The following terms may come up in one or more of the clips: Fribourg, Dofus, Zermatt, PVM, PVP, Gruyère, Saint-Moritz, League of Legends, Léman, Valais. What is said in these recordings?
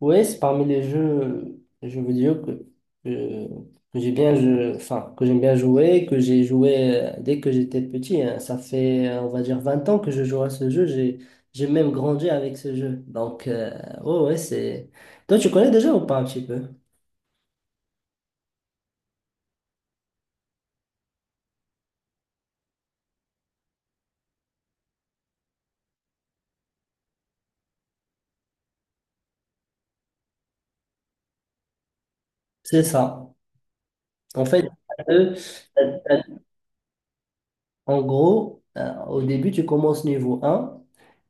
Oui, c'est parmi les jeux, je veux dire, que, que enfin, que j'aime bien jouer, que j'ai joué dès que j'étais petit, hein. Ça fait, on va dire, 20 ans que je joue à ce jeu. J'ai même grandi avec ce jeu. Donc, ouais, ouais. Toi, tu connais déjà ou pas un petit peu? C'est ça. En fait, t'as deux, En gros, au début, tu commences niveau 1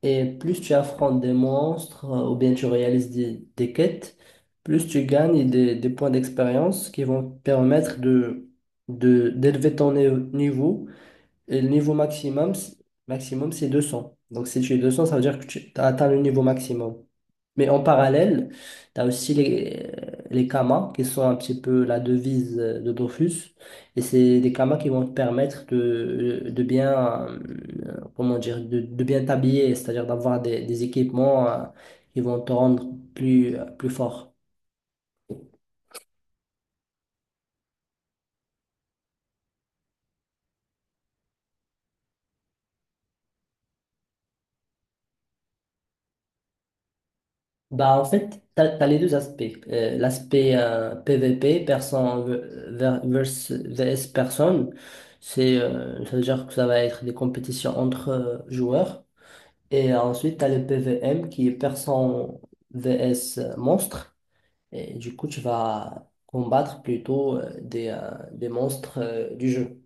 et plus tu affrontes des monstres ou bien tu réalises des quêtes, plus tu gagnes des points d'expérience qui vont te permettre d'élever ton niveau et le niveau maximum c'est 200. Donc si tu es 200, ça veut dire que tu as atteint le niveau maximum. Mais en parallèle, tu as aussi les kamas, qui sont un petit peu la devise de Dofus. Et c'est des kamas qui vont te permettre de bien, comment dire, de bien t'habiller, c'est-à-dire d'avoir des équipements, qui vont te rendre plus fort. Bah, en fait, tu as, les deux aspects. L'aspect PVP, personne ver- versus vs personne, ça veut dire que ça va être des compétitions entre joueurs. Et ensuite, tu as le PVM qui est personne vs monstre. Et du coup, tu vas combattre plutôt des monstres du jeu.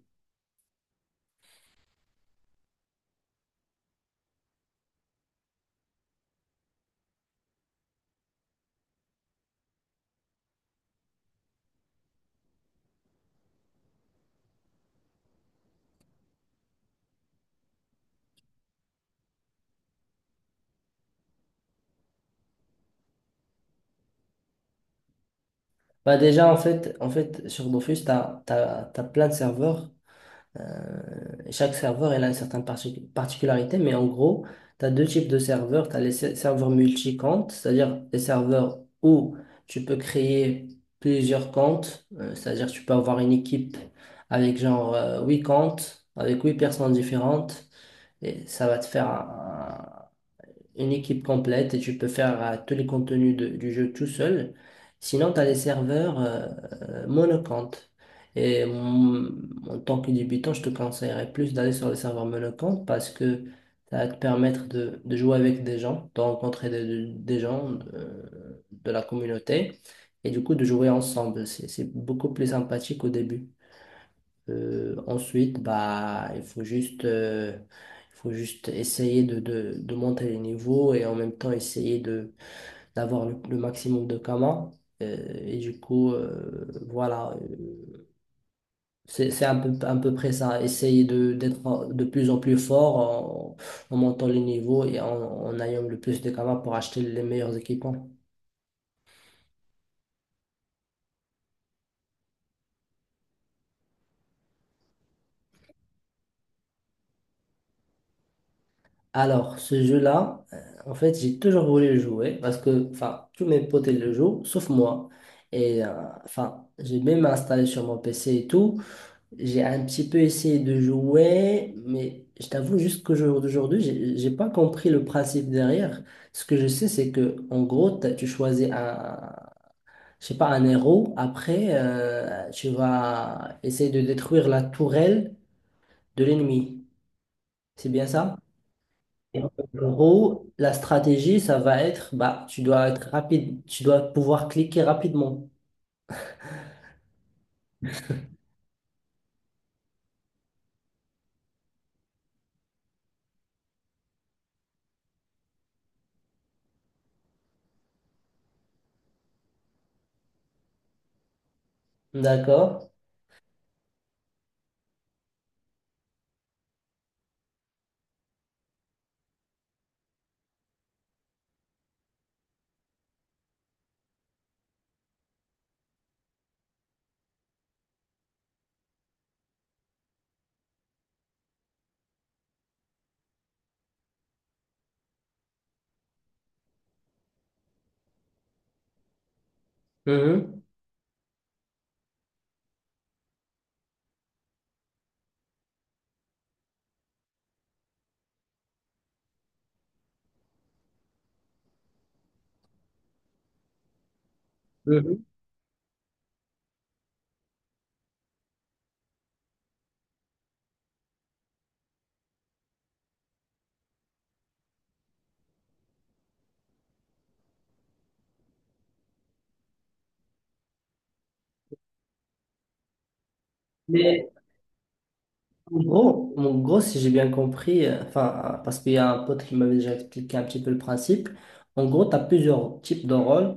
Bah, déjà, en fait sur Dofus, tu as plein de serveurs. Euh, Chaque serveur, elle a une certaine particularité, mais en gros, tu as deux types de serveurs. Tu as les serveurs multi-comptes, c'est-à-dire les serveurs où tu peux créer plusieurs comptes, c'est-à-dire tu peux avoir une équipe avec genre 8 comptes, avec 8 personnes différentes, et ça va te faire une équipe complète et tu peux faire tous les contenus du jeu tout seul. Sinon, tu as des serveurs monocompte. Et en tant que débutant, je te conseillerais plus d'aller sur les serveurs monocompte parce que ça va te permettre de jouer avec des gens, de rencontrer des gens de la communauté et du coup de jouer ensemble. C'est beaucoup plus sympathique au début. Ensuite, bah, il faut juste essayer de monter les niveaux et en même temps essayer de d'avoir le maximum de kamas. Et du coup, voilà, c'est un peu, à peu près ça. Essayer d'être de plus en plus fort en montant les niveaux et en ayant le plus de kamas pour acheter les meilleurs équipements. Alors, ce jeu-là, en fait, j'ai toujours voulu le jouer parce que, enfin, tous mes potes ils le jouent, sauf moi. Et, enfin, j'ai même installé sur mon PC et tout. J'ai un petit peu essayé de jouer, mais je t'avoue, jusqu'au jour d'aujourd'hui, j'ai pas compris le principe derrière. Ce que je sais, c'est que, en gros, tu choisis un, je sais pas, un héros. Après, tu vas essayer de détruire la tourelle de l'ennemi. C'est bien ça? Et en gros, la stratégie, ça va être, bah, tu dois être rapide, tu dois pouvoir cliquer rapidement. D'accord? Mhm. Mhm. Mais en gros, si j'ai bien compris, enfin, parce qu'il y a un pote qui m'avait déjà expliqué un petit peu le principe, en gros, tu as plusieurs types de rôles.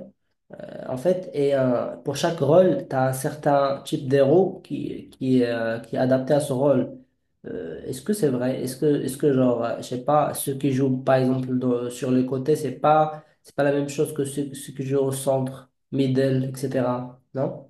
En fait, et pour chaque rôle, tu as un certain type d'héros qui est adapté à ce rôle. Est-ce que c'est vrai? Est-ce que genre, je sais pas, ceux qui jouent par exemple sur les côtés, c'est pas la même chose que ceux qui jouent au centre, middle, etc. Non?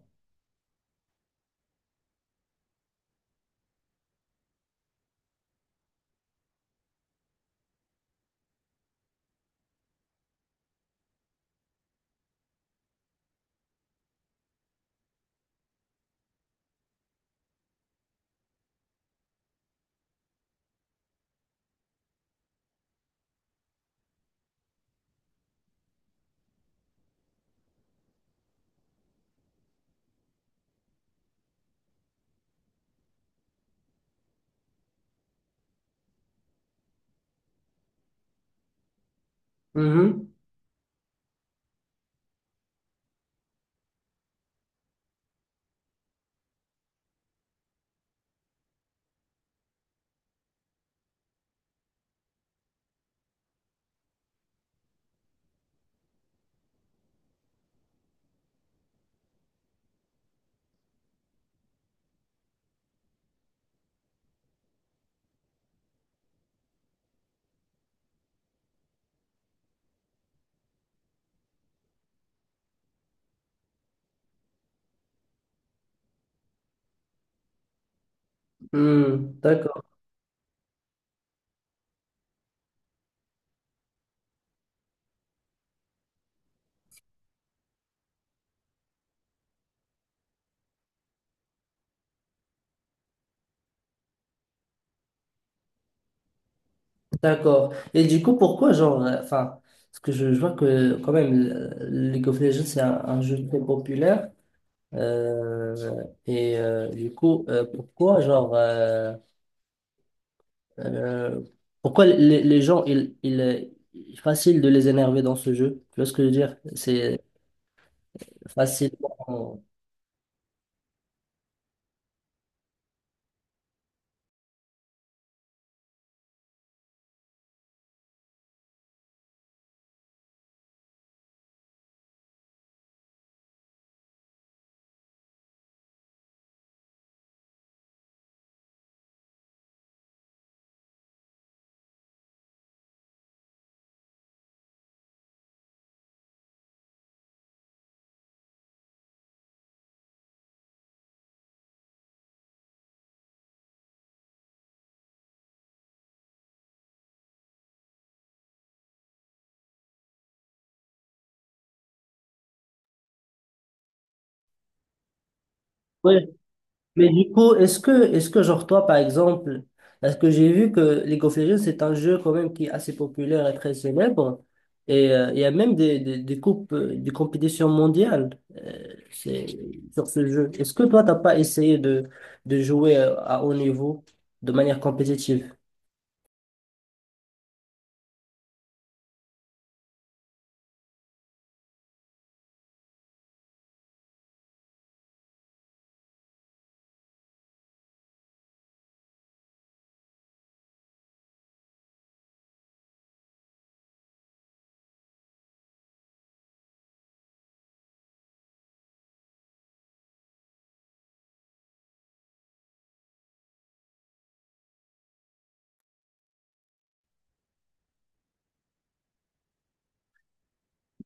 Mhm. Hmm. D'accord, d'accord. Et du coup, pourquoi genre, enfin, parce que je vois que quand même, League of Legends, c'est un jeu très populaire. Euh, du coup, pourquoi, genre, euh, pourquoi les gens, il est facile de les énerver dans ce jeu? Tu vois ce que je veux dire? C'est facile. Mais du coup, est-ce que genre toi, par exemple, parce que j'ai vu que League of Legends, c'est un jeu quand même qui est assez populaire et très célèbre, et il y a même des coupes, des compétitions mondiales, sur ce jeu. Est-ce que toi, t'as pas essayé de jouer à haut niveau de manière compétitive?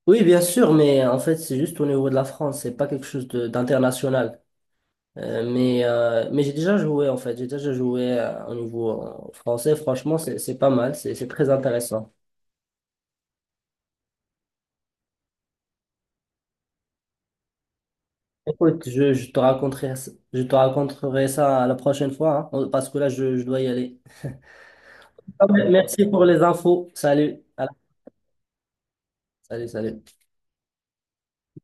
Oui, bien sûr, mais en fait, c'est juste au niveau de la France, c'est pas quelque chose d'international. Mais j'ai déjà joué en fait, j'ai déjà joué au niveau français. Franchement, c'est pas mal, c'est très intéressant. Écoute, je te raconterai ça la prochaine fois hein, parce que là je dois y aller. Ah, mais merci pour les infos. Salut. Voilà. Salut, salut.